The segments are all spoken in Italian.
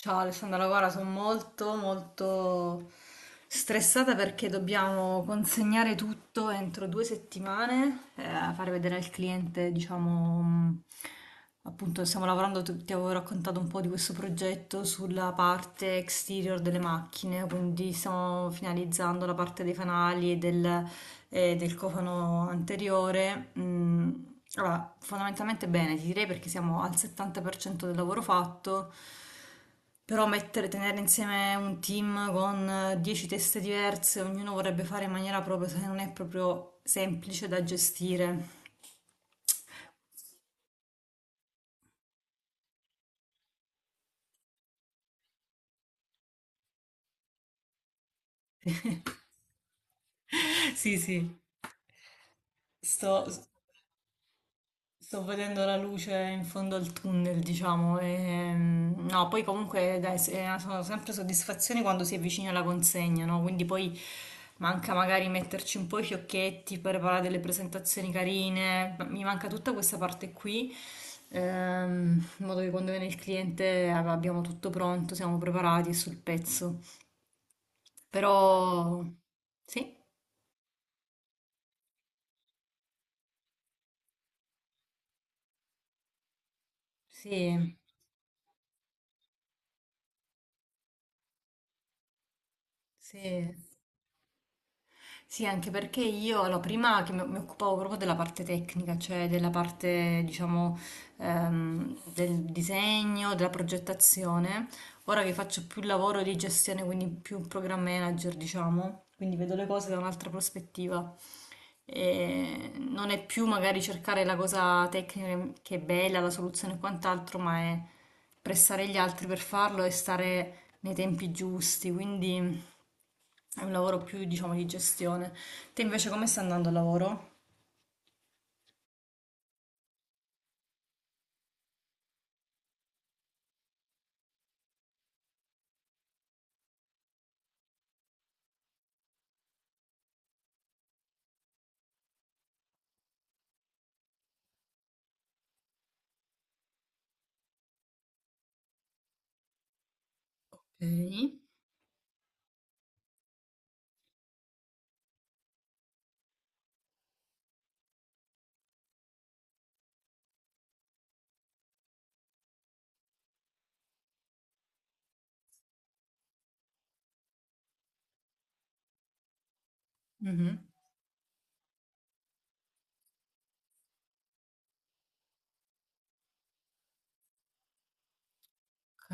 Ciao Alessandra, guarda, sono molto stressata perché dobbiamo consegnare tutto entro due settimane, fare vedere al cliente, diciamo, appunto stiamo lavorando, ti avevo raccontato un po' di questo progetto sulla parte exterior delle macchine, quindi stiamo finalizzando la parte dei fanali e del cofano anteriore. Allora, fondamentalmente bene, ti direi perché siamo al 70% del lavoro fatto. Però mettere, tenere insieme un team con 10 teste diverse, ognuno vorrebbe fare in maniera propria, se non è proprio semplice da gestire. Sì, sì, sto, Sto vedendo la luce in fondo al tunnel, diciamo. No, poi comunque dai, sono sempre soddisfazioni quando si avvicina la consegna, no? Quindi poi manca magari metterci un po' i fiocchetti, preparare delle presentazioni carine. Mi manca tutta questa parte qui, in modo che quando viene il cliente abbiamo tutto pronto, siamo preparati e sul pezzo. Però sì, sì, sì. Sì, anche perché io, allora, prima che mi occupavo proprio della parte tecnica, cioè della parte, diciamo, del disegno, della progettazione, ora che faccio più lavoro di gestione, quindi più program manager, diciamo, quindi vedo le cose da un'altra prospettiva. E non è più magari cercare la cosa tecnica che è bella, la soluzione e quant'altro, ma è pressare gli altri per farlo e stare nei tempi giusti, quindi... È un lavoro più, diciamo, di gestione. Te invece come stai andando al lavoro? Ok. Mhm. Ok.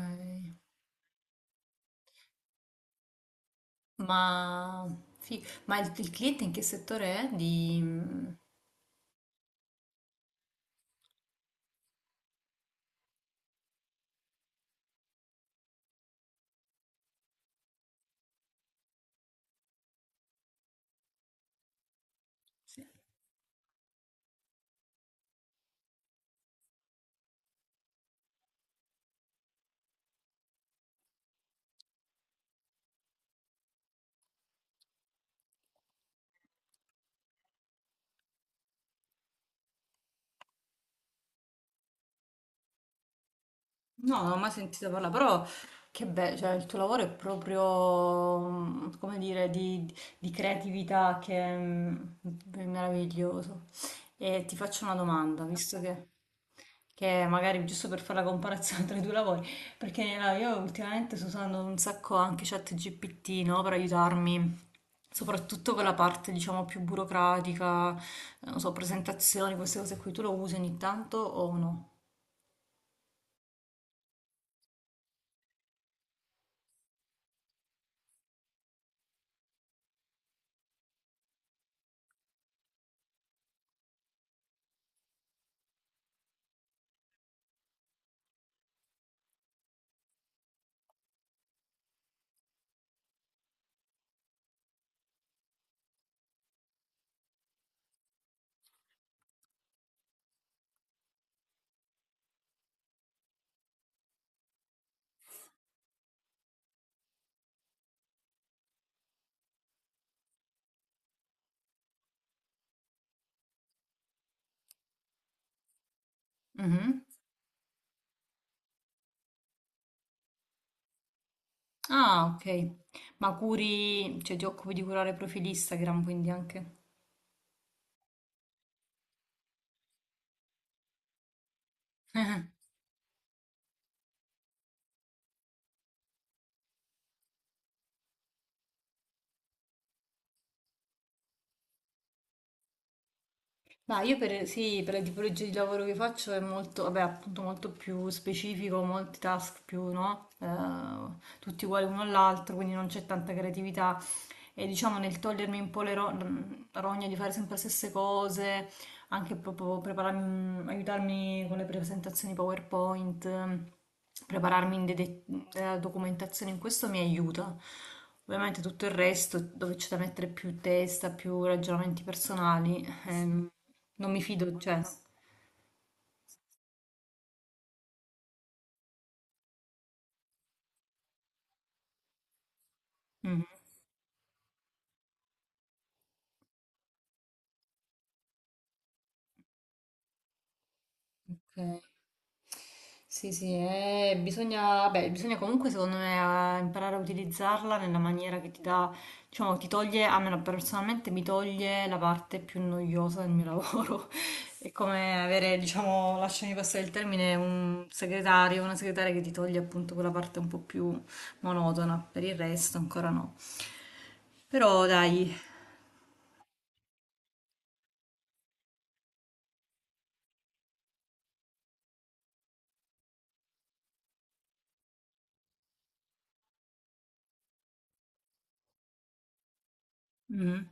Ma, ma il cliente in che settore è? Sì. No, non ho mai sentito parlare, però che bello, cioè il tuo lavoro è proprio, come dire, di creatività che è, è meraviglioso. E ti faccio una domanda, che magari giusto per fare la comparazione tra i due lavori, perché no, io ultimamente sto usando un sacco anche ChatGPT, no, per aiutarmi. Soprattutto quella parte, diciamo, più burocratica, non so, presentazioni, queste cose qui, tu lo usi ogni tanto o no? Mhm. Ah, ok. Ma curi, cioè ti occupi di curare profili Instagram, quindi anche. Ma io per, sì, per la tipologia di lavoro che faccio è molto, vabbè, appunto molto più specifico, molti task più, no? Tutti uguali uno all'altro, quindi non c'è tanta creatività. E diciamo nel togliermi un po' le rogne di fare sempre le stesse cose, anche proprio prepararmi, aiutarmi con le presentazioni PowerPoint, prepararmi in della documentazione, in questo mi aiuta. Ovviamente tutto il resto, dove c'è da mettere più testa, più ragionamenti personali, non mi fido, cioè. Mhm. Ok. Sì, sì, bisogna, beh, bisogna comunque secondo me imparare a utilizzarla nella maniera che ti dà, diciamo, ti toglie, a me personalmente mi toglie la parte più noiosa del mio lavoro. È come avere, diciamo, lasciami passare il termine, un segretario, una segretaria che ti toglie appunto quella parte un po' più monotona, per il resto ancora no. Però dai. Mhm.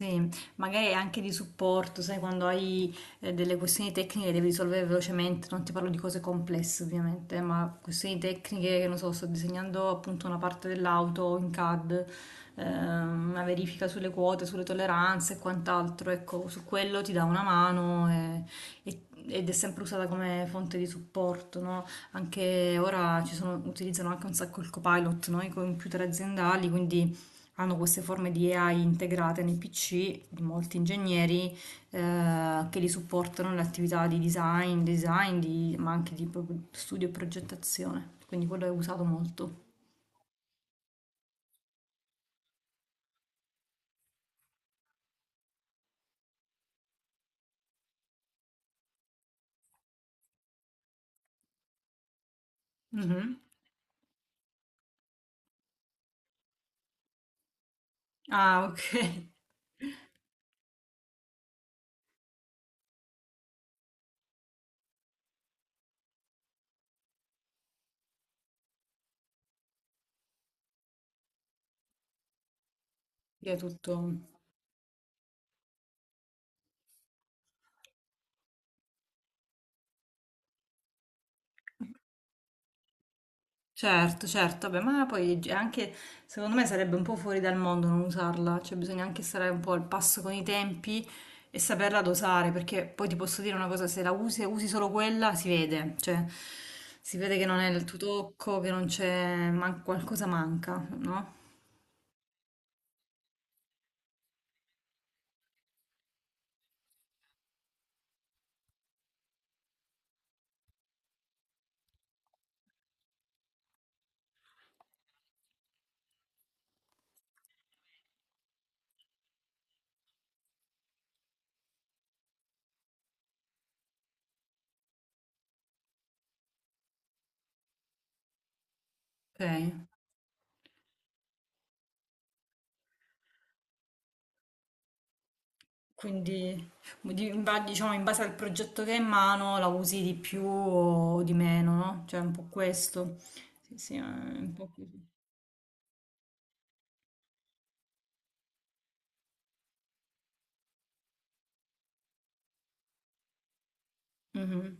Sì, magari anche di supporto, sai, quando hai delle questioni tecniche devi risolvere velocemente, non ti parlo di cose complesse ovviamente, ma questioni tecniche, che non so, sto disegnando appunto una parte dell'auto in CAD, una verifica sulle quote, sulle tolleranze e quant'altro, ecco, su quello ti dà una mano ed è sempre usata come fonte di supporto, no? Anche ora utilizzano anche un sacco il Copilot, no? I computer aziendali, quindi hanno queste forme di AI integrate nei PC di molti ingegneri che li supportano nelle attività di design, ma anche di proprio studio e progettazione. Quindi quello è usato molto. Mhm. Ah, ok. Quindi è tutto. Certo, certo, beh, ma poi è anche secondo me sarebbe un po' fuori dal mondo non usarla, cioè bisogna anche stare un po' al passo con i tempi e saperla dosare, perché poi ti posso dire una cosa, se la usi e usi solo quella si vede, cioè si vede che non è il tuo tocco, che non c'è, qualcosa manca, no? Ok, quindi diciamo in base al progetto che hai in mano la usi di più o di meno, no? Cioè un po' questo, sì, sì, è un po' così.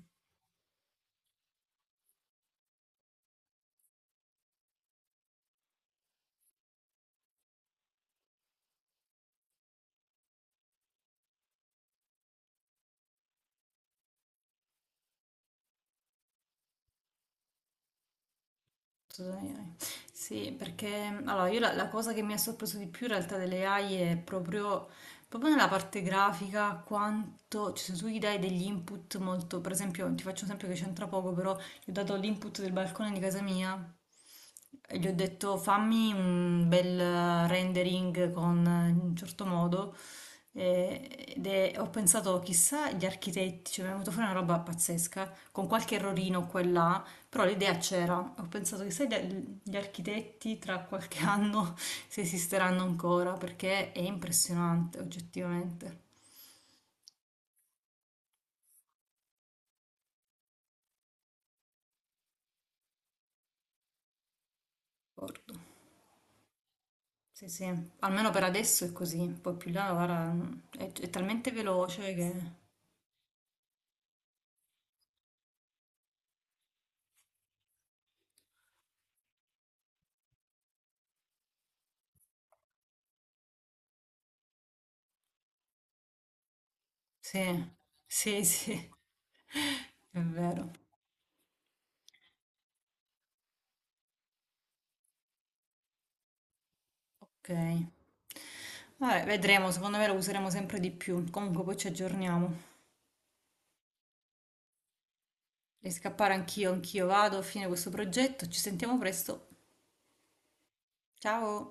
Assolutamente. Sì, perché allora io la cosa che mi ha sorpreso di più in realtà delle AI è proprio, proprio nella parte grafica, quanto, cioè, se tu gli dai degli input molto, per esempio, ti faccio un esempio che c'entra poco, però gli ho dato l'input del balcone di casa mia, gli ho detto fammi un bel rendering con in un certo modo, ed ho pensato chissà gli architetti, cioè mi è venuta fuori una roba pazzesca con qualche errorino qua e là, però l'idea c'era. Ho pensato chissà gli architetti tra qualche anno se esisteranno ancora perché è impressionante oggettivamente. D'accordo. Sì, sì, almeno per adesso è così, poi più là guarda, è talmente veloce che... Sì, sì, sì, è vero. Ok. Vabbè, vedremo, secondo me lo useremo sempre di più. Comunque poi ci aggiorniamo. Devi scappare anch'io, anch'io vado a fine questo progetto. Ci sentiamo presto. Ciao!